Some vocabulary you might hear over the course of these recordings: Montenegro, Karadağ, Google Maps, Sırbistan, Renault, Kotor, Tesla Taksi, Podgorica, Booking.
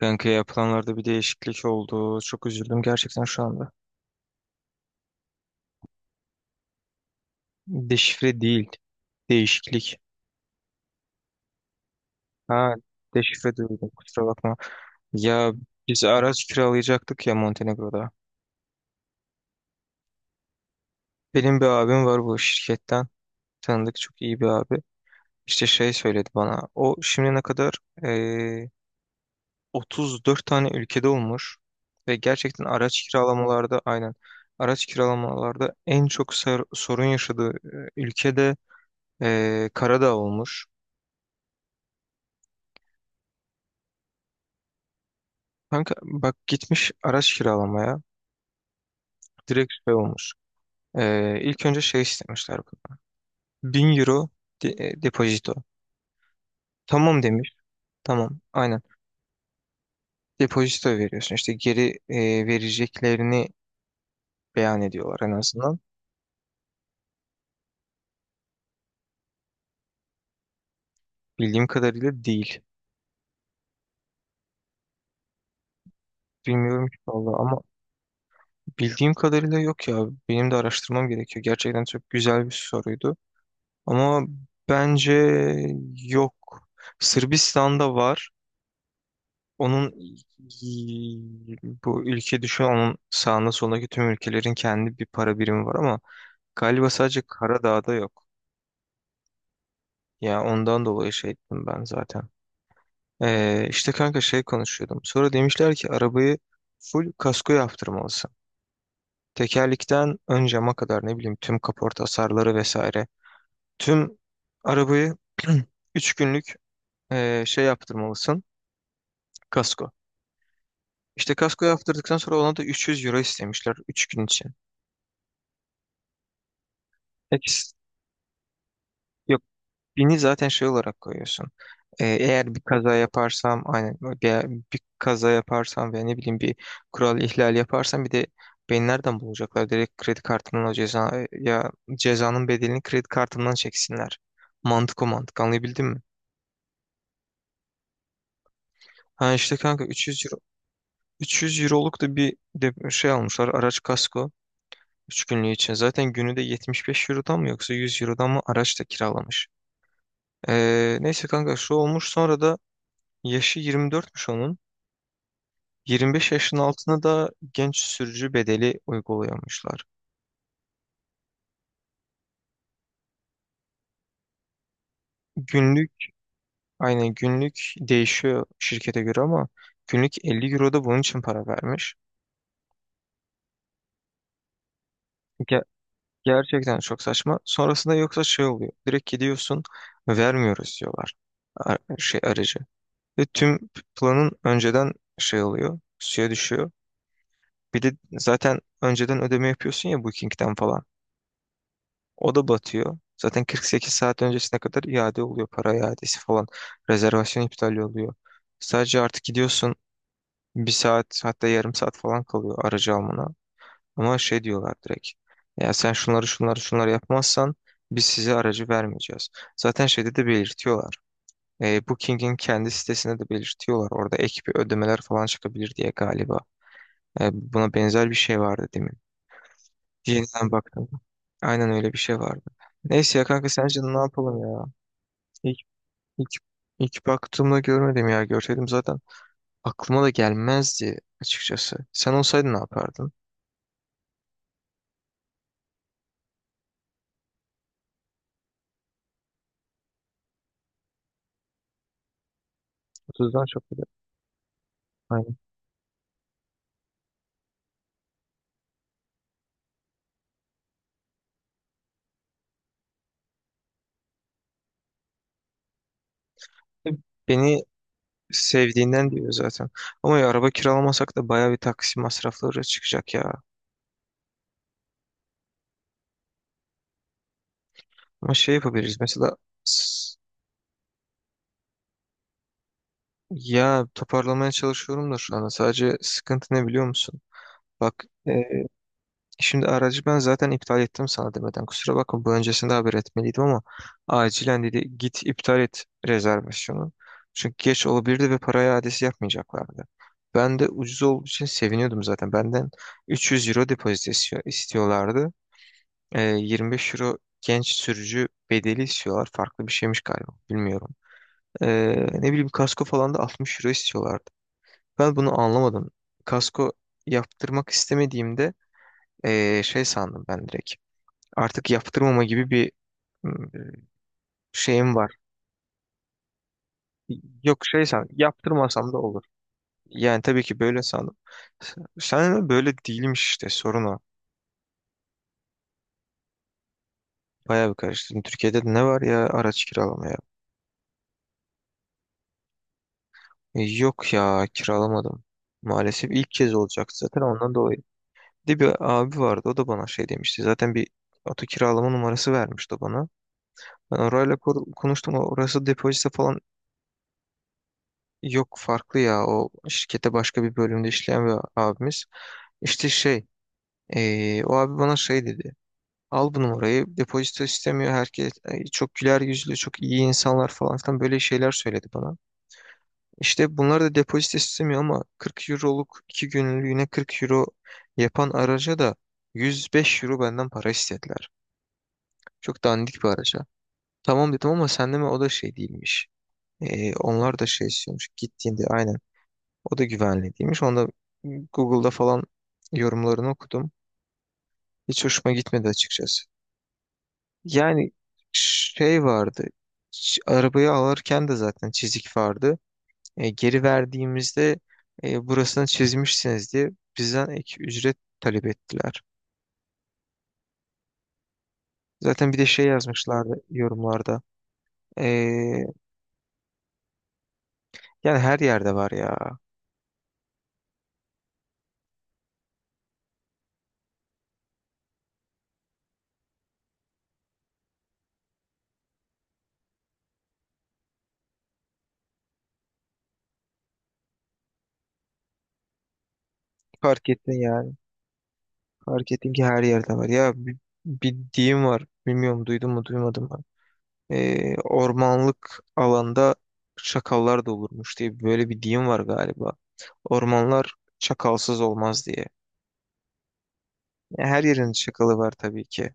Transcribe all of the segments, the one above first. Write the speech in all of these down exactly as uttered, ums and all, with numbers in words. Kanka yapılanlarda bir değişiklik oldu. Çok üzüldüm gerçekten şu anda. Deşifre değil. Değişiklik. Ha, deşifre duydum, kusura bakma. Ya biz araç kiralayacaktık ya Montenegro'da. Benim bir abim var bu şirketten. Tanıdık, çok iyi bir abi. İşte şey söyledi bana. O şimdiye kadar eee, otuz dört tane ülkede olmuş. Ve gerçekten araç kiralamalarda aynen. Araç kiralamalarda en çok sar- sorun yaşadığı e, ülkede eee Karadağ olmuş. Kanka bak, gitmiş araç kiralamaya, direkt şey olmuş. Ee, ilk önce şey istemişler bana. Bin euro de- e, depozito. Tamam demiş. Tamam, aynen. Depozito veriyorsun. İşte geri e, vereceklerini beyan ediyorlar en azından. Bildiğim kadarıyla değil. Bilmiyorum ki valla ama bildiğim kadarıyla yok ya. Benim de araştırmam gerekiyor. Gerçekten çok güzel bir soruydu. Ama bence yok. Sırbistan'da var. Onun, bu ülke düşün, onun sağında solundaki tüm ülkelerin kendi bir para birimi var ama galiba sadece Karadağ'da yok. Ya ondan dolayı şey ettim ben zaten. Ee, işte kanka şey konuşuyordum. Sonra demişler ki arabayı full kasko yaptırmalısın. Tekerlikten ön cama kadar, ne bileyim, tüm kaporta hasarları vesaire. Tüm arabayı üç günlük ee, şey yaptırmalısın. Kasko. İşte kasko yaptırdıktan sonra ona da üç yüz euro istemişler üç gün için. Peki. Yok, bini zaten şey olarak koyuyorsun. Ee, eğer bir kaza yaparsam aynen bir, bir kaza yaparsam veya ne bileyim bir kural ihlali yaparsam, bir de beni nereden bulacaklar? Direkt kredi kartımdan o ceza ya cezanın bedelini kredi kartımdan çeksinler. Mantık o mantık, anlayabildin mi? Ha, işte kanka üç yüz euro, üç yüz euroluk da bir de şey almışlar, araç kasko üç günlüğü için. Zaten günü de yetmiş beş eurodan mı yoksa yüz eurodan mı araç da kiralamış. Ee, neyse kanka, şu olmuş sonra da. Yaşı yirmi dörtmüş onun. yirmi beş yaşın altına da genç sürücü bedeli uyguluyormuşlar. Günlük, aynen günlük değişiyor şirkete göre ama günlük elli euro da bunun için para vermiş. Ge- Gerçekten çok saçma. Sonrasında yoksa şey oluyor. Direkt gidiyorsun, vermiyoruz diyorlar ar- şey aracı. Ve tüm planın önceden şey oluyor, suya düşüyor. Bir de zaten önceden ödeme yapıyorsun ya Booking'den falan. O da batıyor. Zaten kırk sekiz saat öncesine kadar iade oluyor. Para iadesi falan. Rezervasyon iptali oluyor. Sadece artık gidiyorsun, bir saat hatta yarım saat falan kalıyor aracı almana. Ama şey diyorlar direkt. Ya sen şunları şunları şunları yapmazsan biz size aracı vermeyeceğiz. Zaten şeyde de belirtiyorlar. E, Booking'in kendi sitesinde de belirtiyorlar. Orada ek bir ödemeler falan çıkabilir diye galiba. E, buna benzer bir şey vardı demin. Yeniden baktım. Aynen öyle bir şey vardı. Neyse ya kanka, sence ne yapalım ya? İlk, ilk, ilk baktığımda görmedim ya. Görseydim zaten aklıma da gelmezdi açıkçası. Sen olsaydın ne yapardın? otuzdan çok güzel. Aynen. Beni sevdiğinden diyor zaten. Ama ya araba kiralamasak da bayağı bir taksi masrafları çıkacak ya. Ama şey yapabiliriz mesela. s- Ya toparlamaya çalışıyorum da şu anda, sadece sıkıntı ne biliyor musun? Bak, e, şimdi aracı ben zaten iptal ettim sana demeden. Kusura bakma, bu öncesinde haber etmeliydim ama acilen dedi git iptal et rezervasyonu. Çünkü geç olabilirdi ve para iadesi yapmayacaklardı. Ben de ucuz olduğu için seviniyordum zaten. Benden üç yüz euro depozit istiyor- istiyorlardı. Ee, yirmi beş euro genç sürücü bedeli istiyorlar. Farklı bir şeymiş galiba. Bilmiyorum. Ee, ne bileyim kasko falan da altmış euro istiyorlardı. Ben bunu anlamadım. Kasko yaptırmak istemediğimde ee, şey sandım ben direkt. Artık yaptırmama gibi bir ım, şeyim var. Yok, şey san, yaptırmasam da olur. Yani tabii ki böyle sandım. S- Sen de böyle değilmiş, işte sorun o. Bayağı bir karıştırdım. Türkiye'de de ne var ya araç kiralamaya? E, yok ya, kiralamadım. Maalesef ilk kez olacaktı zaten ondan dolayı. Bir de bir abi vardı, o da bana şey demişti. Zaten bir oto kiralama numarası vermişti o bana. Ben orayla kur- konuştum. Orası depozito falan yok, farklı ya. O şirkette başka bir bölümde işleyen bir abimiz. İşte şey, eee, o abi bana şey dedi. Al bu numarayı. Depozito istemiyor. Herkes, e, çok güler yüzlü, çok iyi insanlar falan filan, böyle şeyler söyledi bana. İşte bunlar da depozito istemiyor ama kırk euroluk, iki günlüğüne kırk euro yapan araca da yüz beş euro benden para istediler. Çok dandik bir araca. Tamam dedim ama sen deme, o da şey değilmiş. Eee, onlar da şey istiyormuş gittiğinde, aynen. O da güvenli değilmiş. Onda Google'da falan yorumlarını okudum. Hiç hoşuma gitmedi açıkçası. Yani şey vardı. ç- Arabayı alırken de zaten çizik vardı. E, geri verdiğimizde e, burasını çizmişsiniz diye bizden ek ücret talep ettiler. Zaten bir de şey yazmışlardı yorumlarda. E, Yani her yerde var ya. Fark ettin yani. Fark ettin ki her yerde var. Ya bir, bir deyim var. Bilmiyorum, duydun mu duymadın mı, e, ormanlık alanda çakallar da olurmuş diye böyle bir deyim var galiba. Ormanlar çakalsız olmaz diye. Ya her yerin çakalı var tabii ki.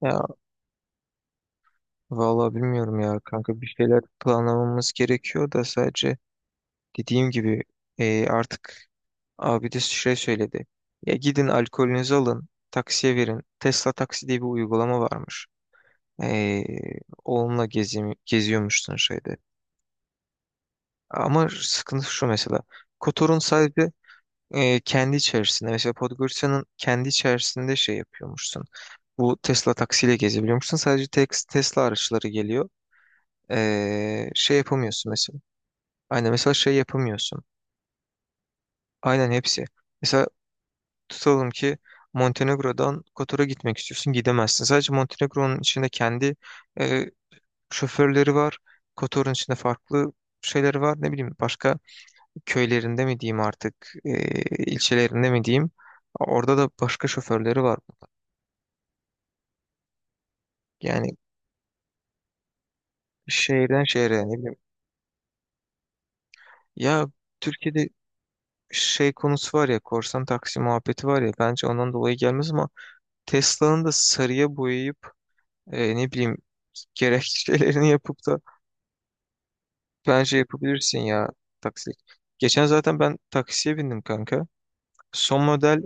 Ya vallahi bilmiyorum ya kanka, bir şeyler planlamamız gerekiyor da sadece dediğim gibi, e, artık abi de şey söyledi. Ya gidin alkolünüzü alın, taksiye verin. Tesla Taksi diye bir uygulama varmış. E, Onunla gezi geziyormuşsun şeyde. Ama sıkıntı şu mesela. Kotor'un sahibi, e, kendi içerisinde, mesela Podgorica'nın kendi içerisinde şey yapıyormuşsun. Bu Tesla taksiyle gezebiliyormuşsun. Sadece tek Tesla araçları geliyor. E, şey yapamıyorsun mesela. Aynen, mesela şey yapamıyorsun. Aynen hepsi. Mesela tutalım ki Montenegro'dan Kotor'a gitmek istiyorsun. Gidemezsin. Sadece Montenegro'nun içinde kendi e, şoförleri var. Kotor'un içinde farklı şeyleri var. Ne bileyim, başka köylerinde mi diyeyim artık, e, ilçelerinde mi diyeyim, orada da başka şoförleri var. Yani şehirden şehre, ne bileyim. Ya Türkiye'de şey konusu var ya, korsan taksi muhabbeti var ya, bence ondan dolayı gelmez ama Tesla'nın da sarıya boyayıp, e, ne bileyim, gerekçelerini yapıp da bence yapabilirsin ya taksilik. Geçen zaten ben taksiye bindim kanka. Son model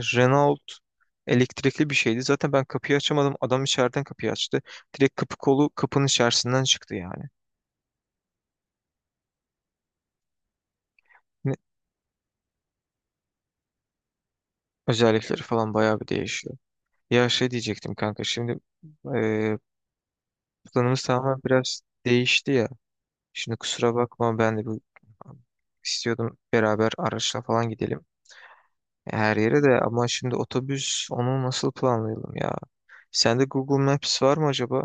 Renault elektrikli bir şeydi. Zaten ben kapıyı açamadım. Adam içeriden kapıyı açtı. Direkt kapı kolu kapının içerisinden çıktı yani. Ne- Özellikleri falan bayağı bir değişiyor. Ya şey diyecektim kanka, şimdi e, planımız tamamen biraz değişti ya. Şimdi kusura bakma, ben de bu istiyordum, beraber araçla falan gidelim her yere de, ama şimdi otobüs, onu nasıl planlayalım ya? Sende Google Maps var mı acaba?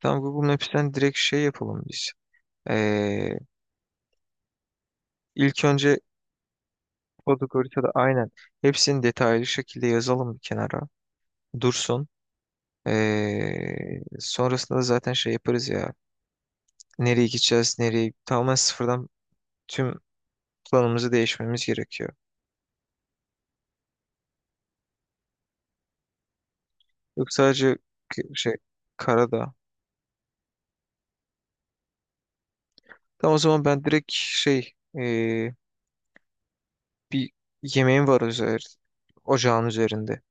Tam Google Maps'ten direkt şey yapalım biz. Ee, ilk önce koduk, aynen, hepsini detaylı şekilde yazalım bir kenara. Dursun. Ee, sonrasında da zaten şey yaparız ya. Nereye gideceğiz, nereye, tamamen sıfırdan tüm planımızı değişmemiz gerekiyor. Yok sadece k- şey, karada. Tamam, o zaman ben direkt şey, ee, bir yemeğim var üzeri, ocağın üzerinde.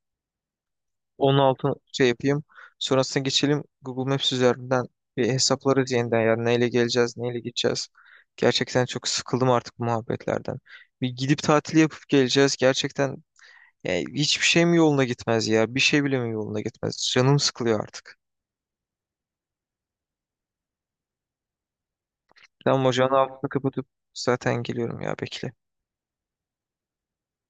Onun altını şey yapayım. Sonrasında geçelim Google Maps üzerinden bir hesaplarız yeniden. Yani neyle geleceğiz, neyle gideceğiz. Gerçekten çok sıkıldım artık bu muhabbetlerden. Bir gidip tatil yapıp geleceğiz. Gerçekten yani hiçbir şey mi yoluna gitmez ya? Bir şey bile mi yoluna gitmez? Canım sıkılıyor artık. Tamam, hocanın altını kapatıp zaten geliyorum ya, bekle.